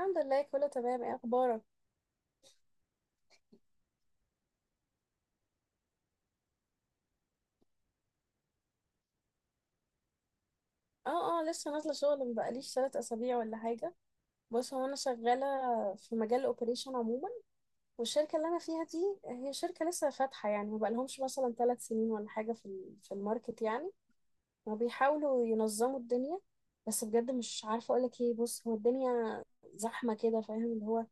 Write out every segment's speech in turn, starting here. الحمد لله، كله تمام. ايه اخبارك؟ اه اه، لسه نازله شغل، مبقاليش 3 اسابيع ولا حاجه. بص، هو انا شغاله في مجال الاوبريشن عموما. والشركه اللي انا فيها دي هي شركه لسه فاتحه، يعني مبقالهمش مثلا 3 سنين ولا حاجه في في الماركت يعني، وبيحاولوا ينظموا الدنيا. بس بجد مش عارفه اقولك ايه. بص، هو الدنيا زحمه كده، فاهم؟ اللي هو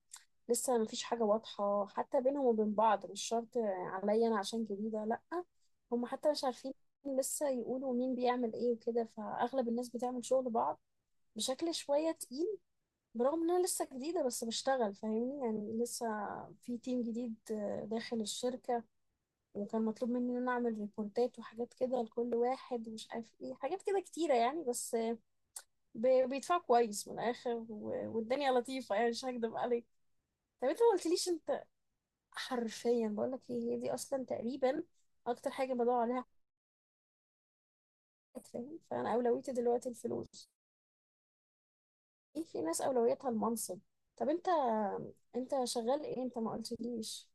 لسه مفيش حاجة واضحة حتى بينهم وبين بعض، مش شرط عليا أنا عشان جديدة، لأ. هم حتى مش عارفين لسه، يقولوا مين بيعمل ايه وكده، فأغلب الناس بتعمل شغل بعض بشكل شوية تقيل. برغم إن أنا لسه جديدة بس بشتغل، فاهمني؟ يعني لسه في تيم جديد، داخل الشركة، وكان مطلوب مني إن أنا أعمل ريبورتات وحاجات كده لكل واحد ومش عارف ايه، حاجات كده كتيرة يعني. بس بيدفعوا كويس من الآخر، والدنيا لطيفة يعني، مش هكدب عليك. طب انت ما قلتليش. حرفيا بقول لك ايه، هي دي اصلا تقريبا اكتر حاجه بدور عليها في حياتي، فاهم؟ فانا اولويتي دلوقتي الفلوس. ايه، في ناس اولويتها المنصب. طب انت، انت شغال ايه؟ انت ما قلتليش.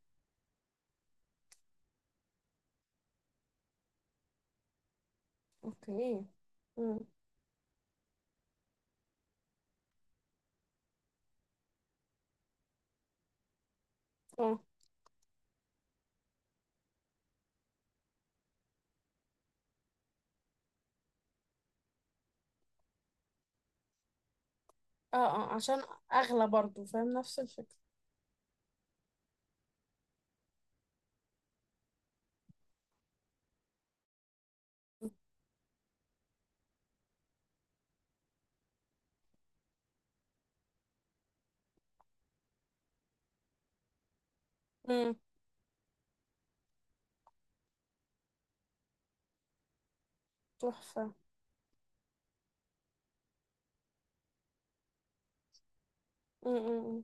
اوكي. امم. اه اه اه، عشان اغلى برضو، فاهم؟ نفس الفكره. امم. تحفه. امم.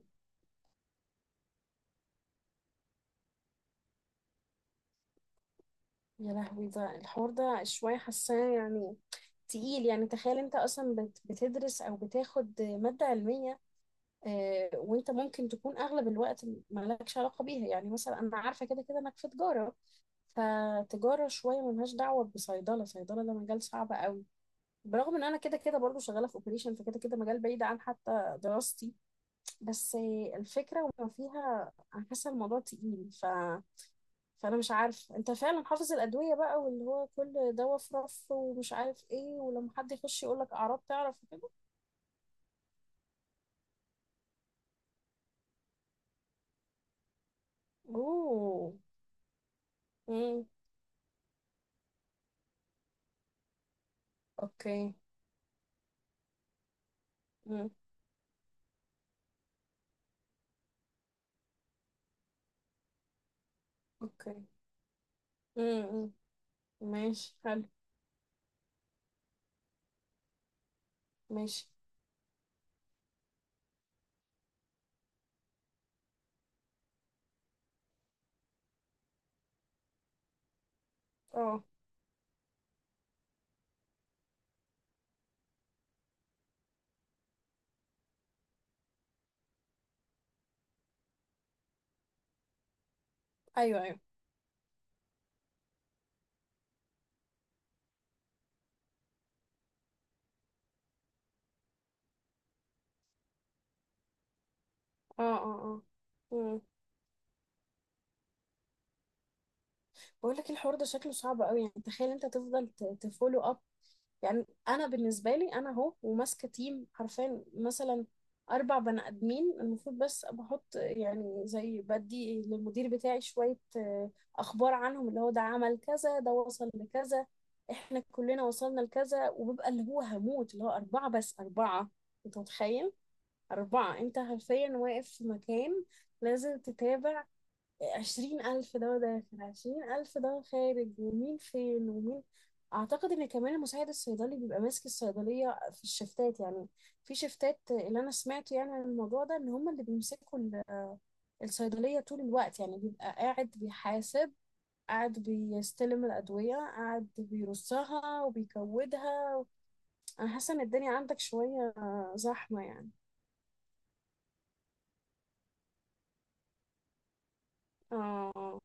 يا لهوي، ده الحوار ده شويه حاساه يعني تقيل. يعني تخيل انت اصلا بتدرس او بتاخد ماده علميه، وانت ممكن تكون اغلب الوقت مالكش علاقه بيها. يعني مثلا انا عارفه كده كده انك في تجاره، فتجاره شويه ملهاش دعوه بصيدله. صيدله ده مجال صعب قوي. برغم ان انا كده كده برضو شغاله في اوبريشن، فكده كده مجال بعيد عن حتى دراستي. بس الفكره وما فيها، انا حاسه الموضوع تقيل، ف فانا مش عارف. انت فعلا حافظ الادويه بقى، واللي هو كل دواء في رف ومش عارف ايه، ولما حد يخش يقول لك اعراض تعرف كده؟ اوه. امم. اوكي. امم. اوكي. امم. ماشي حلو. ماشي. اه. ايوه ايوه. اه اه اه. امم. بقول لك، الحوار ده شكله صعب قوي. يعني تخيل انت تفضل تفولو اب، يعني انا بالنسبه لي، انا اهو وماسكه تيم حرفيا مثلا 4 بني ادمين المفروض، بس بحط يعني زي بدي للمدير بتاعي شويه اخبار عنهم، اللي هو ده عمل كذا، ده وصل لكذا، احنا كلنا وصلنا لكذا، وبيبقى اللي هو هموت. اللي هو 4 بس 4، انت متخيل؟ 4، أنت حرفيا واقف في مكان لازم تتابع. 20 ألف ده داخل، 20 ألف ده خارج، ومين فين ومين. أعتقد إن كمان المساعد الصيدلي بيبقى ماسك الصيدلية في الشفتات يعني، في شفتات اللي أنا سمعته يعني عن الموضوع ده، إن هما اللي بيمسكوا الصيدلية طول الوقت يعني. بيبقى قاعد بيحاسب، قاعد بيستلم الأدوية، قاعد بيرصها وبيكودها. أنا حاسة إن الدنيا عندك شوية زحمة يعني. اه.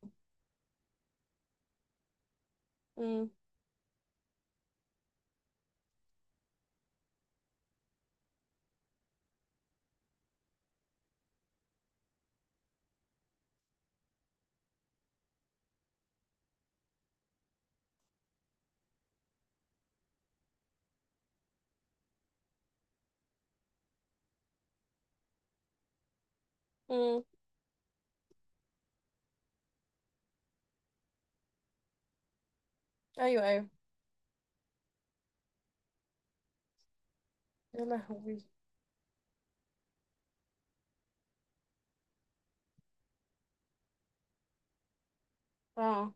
امم. ايوه ايوه. يا لهوي. اه.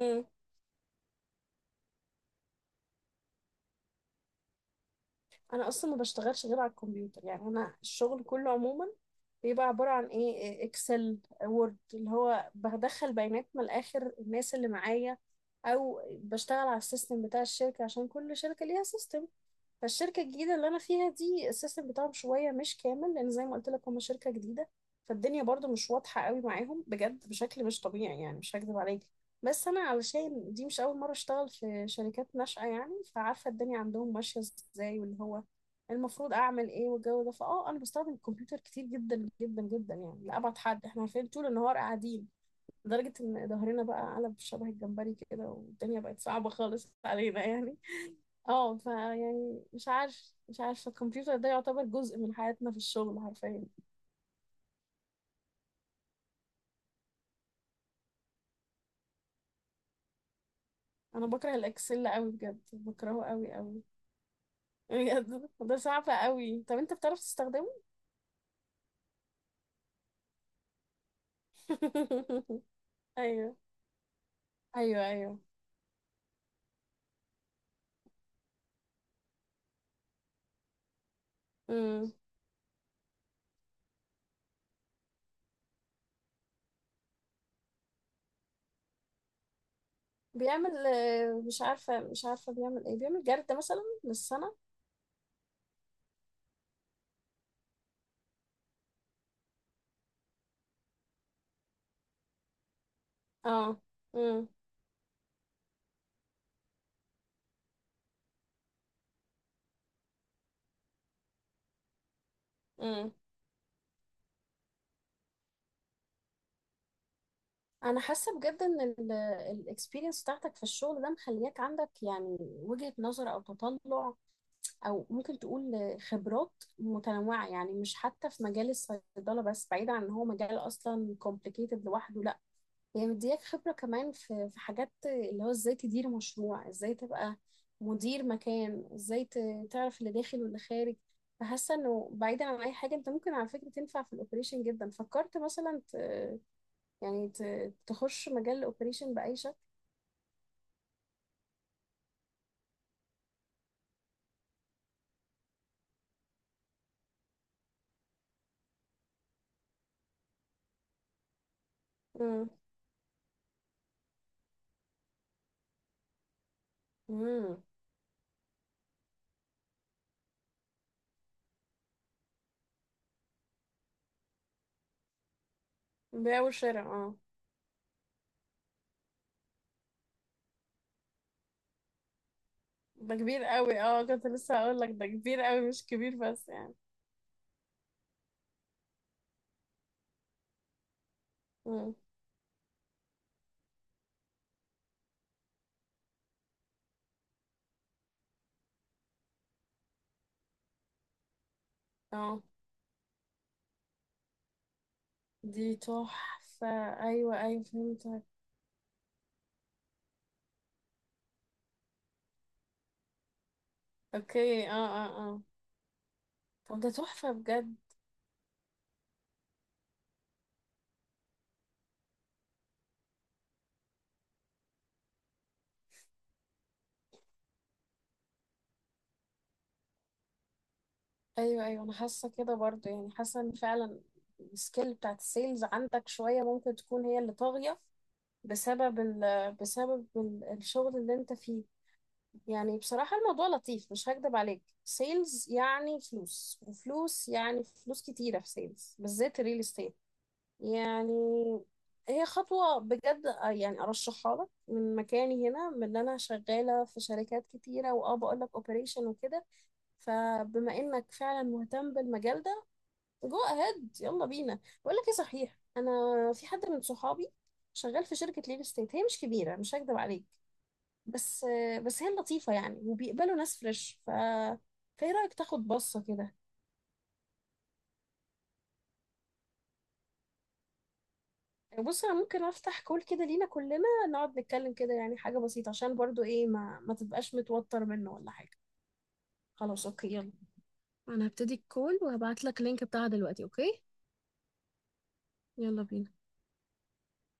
امم. انا اصلا ما بشتغلش غير على الكمبيوتر. يعني انا الشغل كله عموما بيبقى عباره عن ايه، اكسل، وورد، اللي هو بدخل بيانات من الاخر الناس اللي معايا، او بشتغل على السيستم بتاع الشركه، عشان كل شركه ليها سيستم. فالشركة الجديدة اللي أنا فيها دي، السيستم بتاعهم شوية مش كامل، لأن زي ما قلت لك هما شركة جديدة. فالدنيا برضو مش واضحة قوي معاهم، بجد بشكل مش طبيعي يعني، مش هكذب عليك. بس أنا علشان دي مش أول مرة أشتغل في شركات ناشئة يعني، فعارفة الدنيا عندهم ماشية إزاي، واللي هو المفروض أعمل إيه، والجو ده. فأه أنا بستخدم الكمبيوتر كتير جدا جدا جدا يعني، لأبعد حد. إحنا عارفين طول النهار قاعدين لدرجة إن ظهرنا بقى قلب شبه الجمبري كده، والدنيا بقت صعبة خالص علينا يعني. اه، ف يعني مش عارف الكمبيوتر ده يعتبر جزء من حياتنا في الشغل حرفيا. انا بكره الاكسل قوي، بجد بكرهه قوي قوي. بجد، ده صعب قوي. طب انت بتعرف تستخدمه؟ ايوه. ايوه ايوه. امم. بيعمل مش عارفه بيعمل ايه، بيعمل جرد مثلا للسنه. اه. امم. امم. انا حاسه بجد ان الاكسبيرينس بتاعتك في الشغل ده مخلياك عندك يعني وجهة نظر، او تطلع، او ممكن تقول خبرات متنوعه. يعني مش حتى في مجال الصيدله بس، بعيد عن ان هو مجال اصلا complicated لوحده، لا، هي يعني مدياك خبره كمان في في حاجات اللي هو ازاي تدير مشروع، ازاي تبقى مدير مكان، ازاي تعرف اللي داخل واللي خارج. فحاسه انه بعيدا عن اي حاجه، انت ممكن على فكره تنفع في الاوبريشن جدا. فكرت مثلا يعني تخش مجال الاوبريشن باي شكل؟ امم. امم. بيع وشراء، اه. ده كبير قوي، اه. كنت لسه هقول لك ده كبير قوي، مش كبير بس يعني. مم. اه. دي تحفة. ايوه ايوه فهمتك. اوكي. اه. اه. اه. طب ده تحفة بجد. ايوه ايوه، انا حاسة كده برضو، يعني حاسة ان فعلا السكيل بتاعت السيلز عندك شوية ممكن تكون هي اللي طاغية بسبب ال بسبب الشغل اللي انت فيه. يعني بصراحة الموضوع لطيف، مش هكدب عليك. سيلز يعني فلوس وفلوس، يعني فلوس كتيرة في سيلز بالذات الريل استيت يعني. هي خطوة بجد، يعني أرشحها لك من مكاني هنا، من اللي أنا شغالة في شركات كتيرة، وأه بقول لك أوبريشن وكده. فبما إنك فعلا مهتم بالمجال ده، جو أهيد يلا بينا. بقول لك إيه، صحيح أنا في حد من صحابي شغال في شركة ليل ستيت، هي مش كبيرة مش هكدب عليك، بس هي لطيفة يعني، وبيقبلوا ناس فريش. ف فإيه رأيك تاخد بصة كده؟ بص، انا ممكن افتح كول كده لينا كلنا، نقعد نتكلم كده، يعني حاجة بسيطة، عشان برضو ايه، ما تبقاش متوتر منه ولا حاجة. خلاص اوكي يلا. انا هبتدي الكول وهبعت لك اللينك بتاعها دلوقتي، اوكي؟ يلا بينا.